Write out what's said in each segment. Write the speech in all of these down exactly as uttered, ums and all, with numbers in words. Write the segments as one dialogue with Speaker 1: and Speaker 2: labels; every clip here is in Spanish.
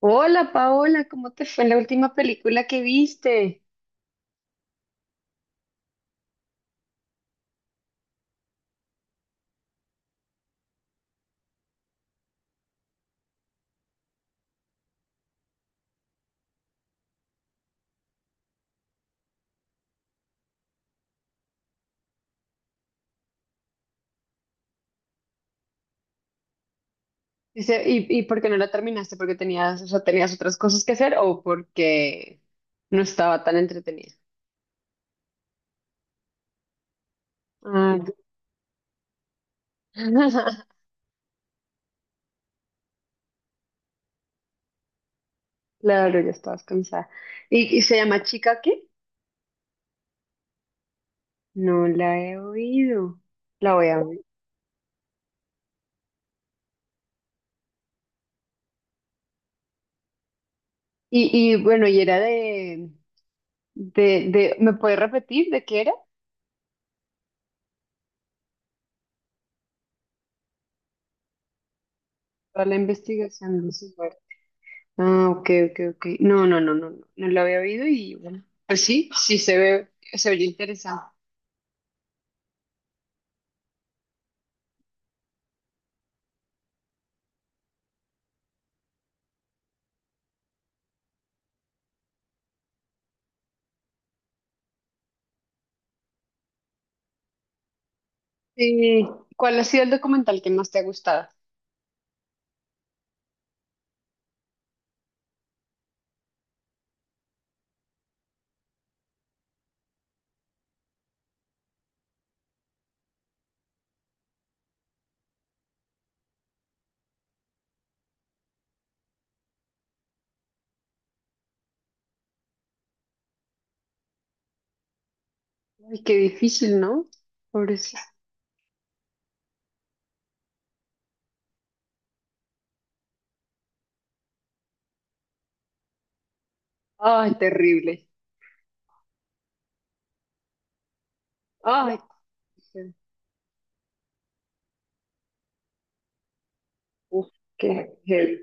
Speaker 1: Hola Paola, ¿cómo te fue en la última película que viste? Dice, ¿y, y ¿por qué no la terminaste? ¿Porque tenías, o sea, tenías otras cosas que hacer o porque no estaba tan entretenida? Ah, claro, ya estabas cansada. ¿Y, y se llama Chica qué? No la he oído. La voy a ver. Y, y bueno, y era de, de, de, ¿me puedes repetir de qué era? Toda la investigación de su... Ah, ok, ok, ok. No, no, no, no, no, no lo había oído y bueno, pues sí, sí se ve, se ve interesante. Sí. ¿Cuál ha sido el documental que más te ha gustado? Ay, qué difícil, ¿no? Pobrecito. Ay, terrible. Ay, qué- uf, qué heavy.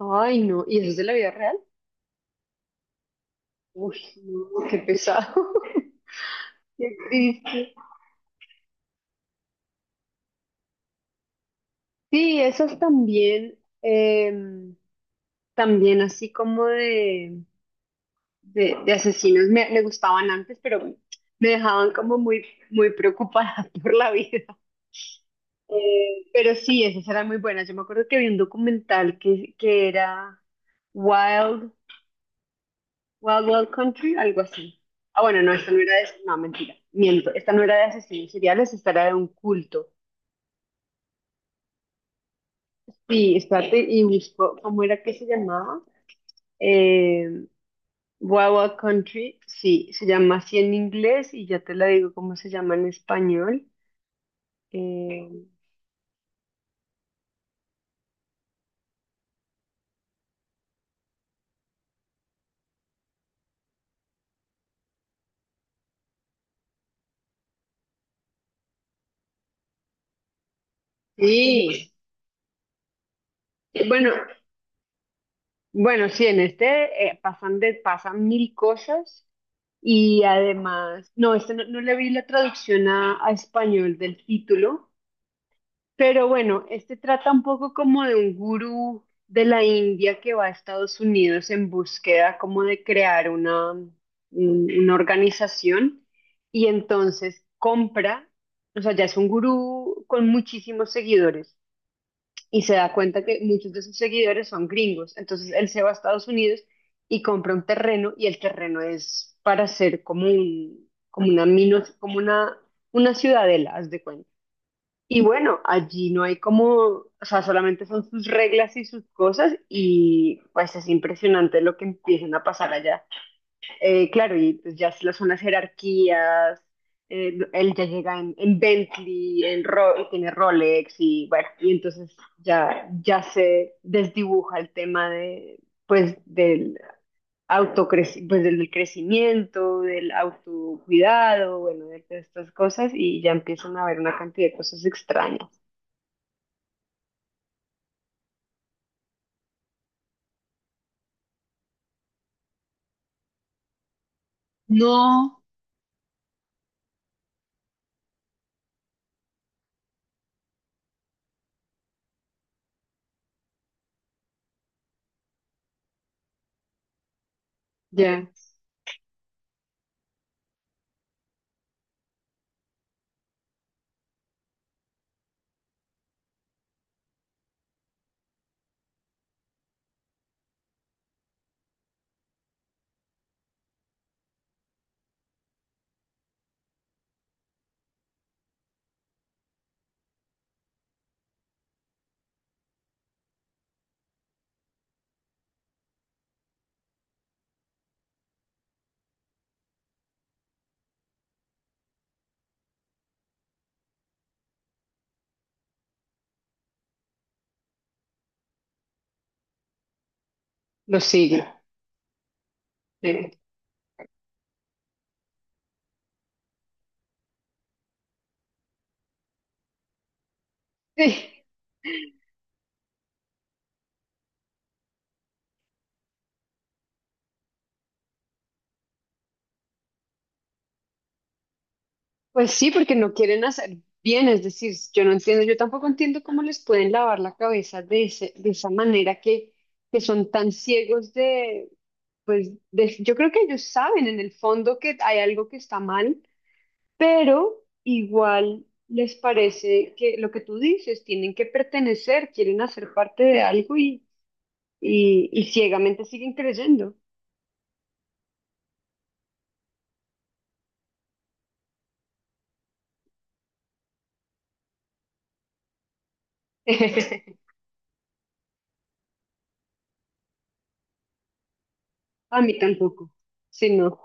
Speaker 1: Ay, no, ¿y eso es de la vida real? Uy, no, qué pesado. Qué triste. Sí, esas también, em, también así como de de, de asesinos me, me gustaban antes, pero me dejaban como muy, muy preocupada por la vida. Eh, pero sí, esas eran muy buenas. Yo me acuerdo que vi un documental que, que era Wild, Wild Wild Country, algo así. Ah, bueno, no, esta no era de, no, mentira, miento, esta no era de asesinos seriales, esta era de un culto. Sí, espérate, y busco, ¿cómo era que se llamaba? Eh, Wild Wild Country, sí, se llama así en inglés y ya te la digo cómo se llama en español. Eh, Sí, bueno, bueno, sí, en este eh, pasan, de, pasan mil cosas y además, no, este no, no le vi la traducción a, a español del título, pero bueno, este trata un poco como de un gurú de la India que va a Estados Unidos en búsqueda como de crear una, un- una organización y entonces compra, o sea, ya es un gurú con muchísimos seguidores y se da cuenta que muchos de sus seguidores son gringos. Entonces él se va a Estados Unidos y compra un terreno y el terreno es para hacer como un, como una minos, como una, una ciudadela, haz de cuenta. Y bueno, allí no hay como, o sea, solamente son sus reglas y sus cosas y pues es impresionante lo que empiezan a pasar allá. Eh, claro, y pues ya lo son las unas jerarquías, eh, él ya llega en, en Bentley, en Ro- y tiene Rolex y bueno, y entonces ya, ya se desdibuja el tema de, pues, del autocreci- pues, del crecimiento, del autocuidado, bueno, de todas estas cosas y ya empiezan a haber una cantidad de cosas extrañas. No, ya, lo sigue. Sí. Pues sí, porque no quieren hacer bien, es decir, yo no entiendo, yo tampoco entiendo cómo les pueden lavar la cabeza de ese, de esa manera que, que son tan ciegos de, pues de- yo creo que ellos saben en el fondo que hay algo que está mal, pero igual les parece que lo que tú dices, tienen que pertenecer, quieren hacer parte de algo y, y, y ciegamente siguen creyendo. A mí tampoco, sí, no.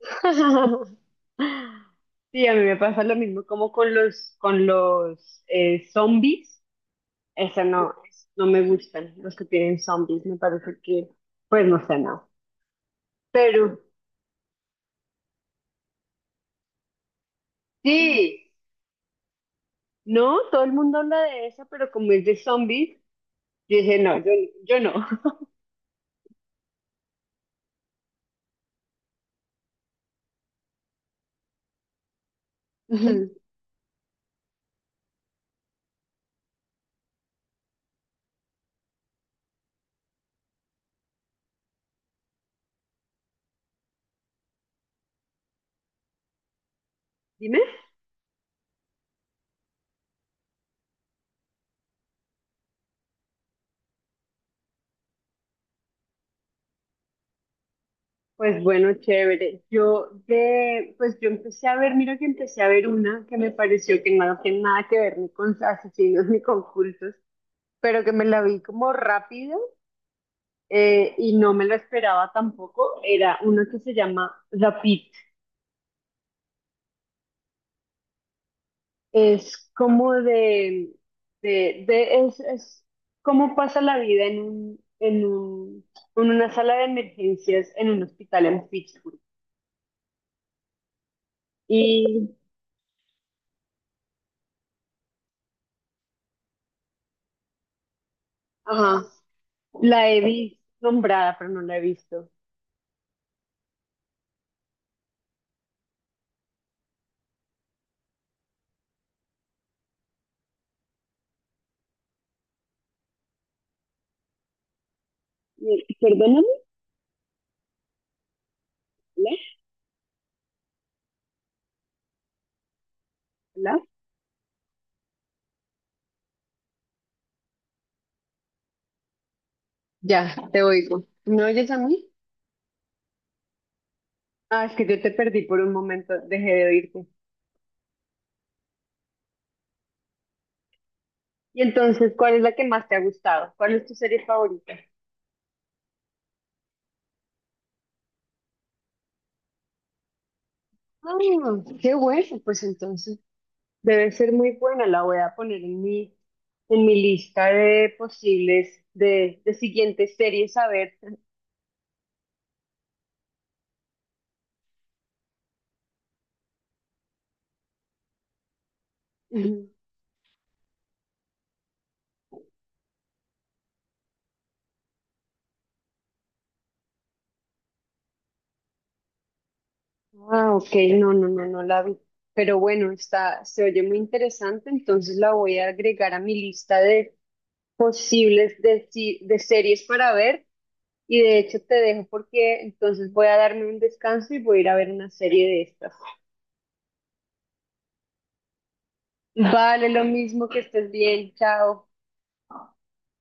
Speaker 1: Sí, a mí me pasa lo mismo como con los, con los eh, zombies. Esa no, es- no me gustan los que tienen zombies. Me parece que, pues no sé, no. Pero sí, no, todo el mundo habla de esa, pero como es de zombies, yo dije, no, yo, yo no. Ujú. Dime. Pues bueno, chévere. Yo de, pues yo empecé a ver, mira que empecé a ver una que me pareció que no tiene nada que ver ni con asesinos ni con cultos, pero que me la vi como rápido, eh, y no me lo esperaba tampoco, era uno que se llama Rapid. Es como de, de, de- es, es cómo pasa la vida en un, en un, en una sala de emergencias en un hospital en Pittsburgh. Y, ajá, la he visto nombrada, pero no la he visto. Eh, Perdóname, ¿hola? ¿Hola? Ya, te oigo. ¿Me oyes a mí? Ah, es que yo te perdí por un momento, dejé de oírte. Y entonces, ¿cuál es la que más te ha gustado? ¿Cuál es tu serie favorita? Ah, qué bueno, pues entonces debe ser muy buena. La voy a poner en mi, en mi lista de posibles, de, de siguientes series a ver. Ujú. Ah, ok, no, no, no, no la vi. Pero bueno, está, se oye muy interesante, entonces la voy a agregar a mi lista de posibles de, si- de series para ver. Y de hecho te dejo porque entonces voy a darme un descanso y voy a ir a ver una serie de estas. Vale, lo mismo que estés bien, chao.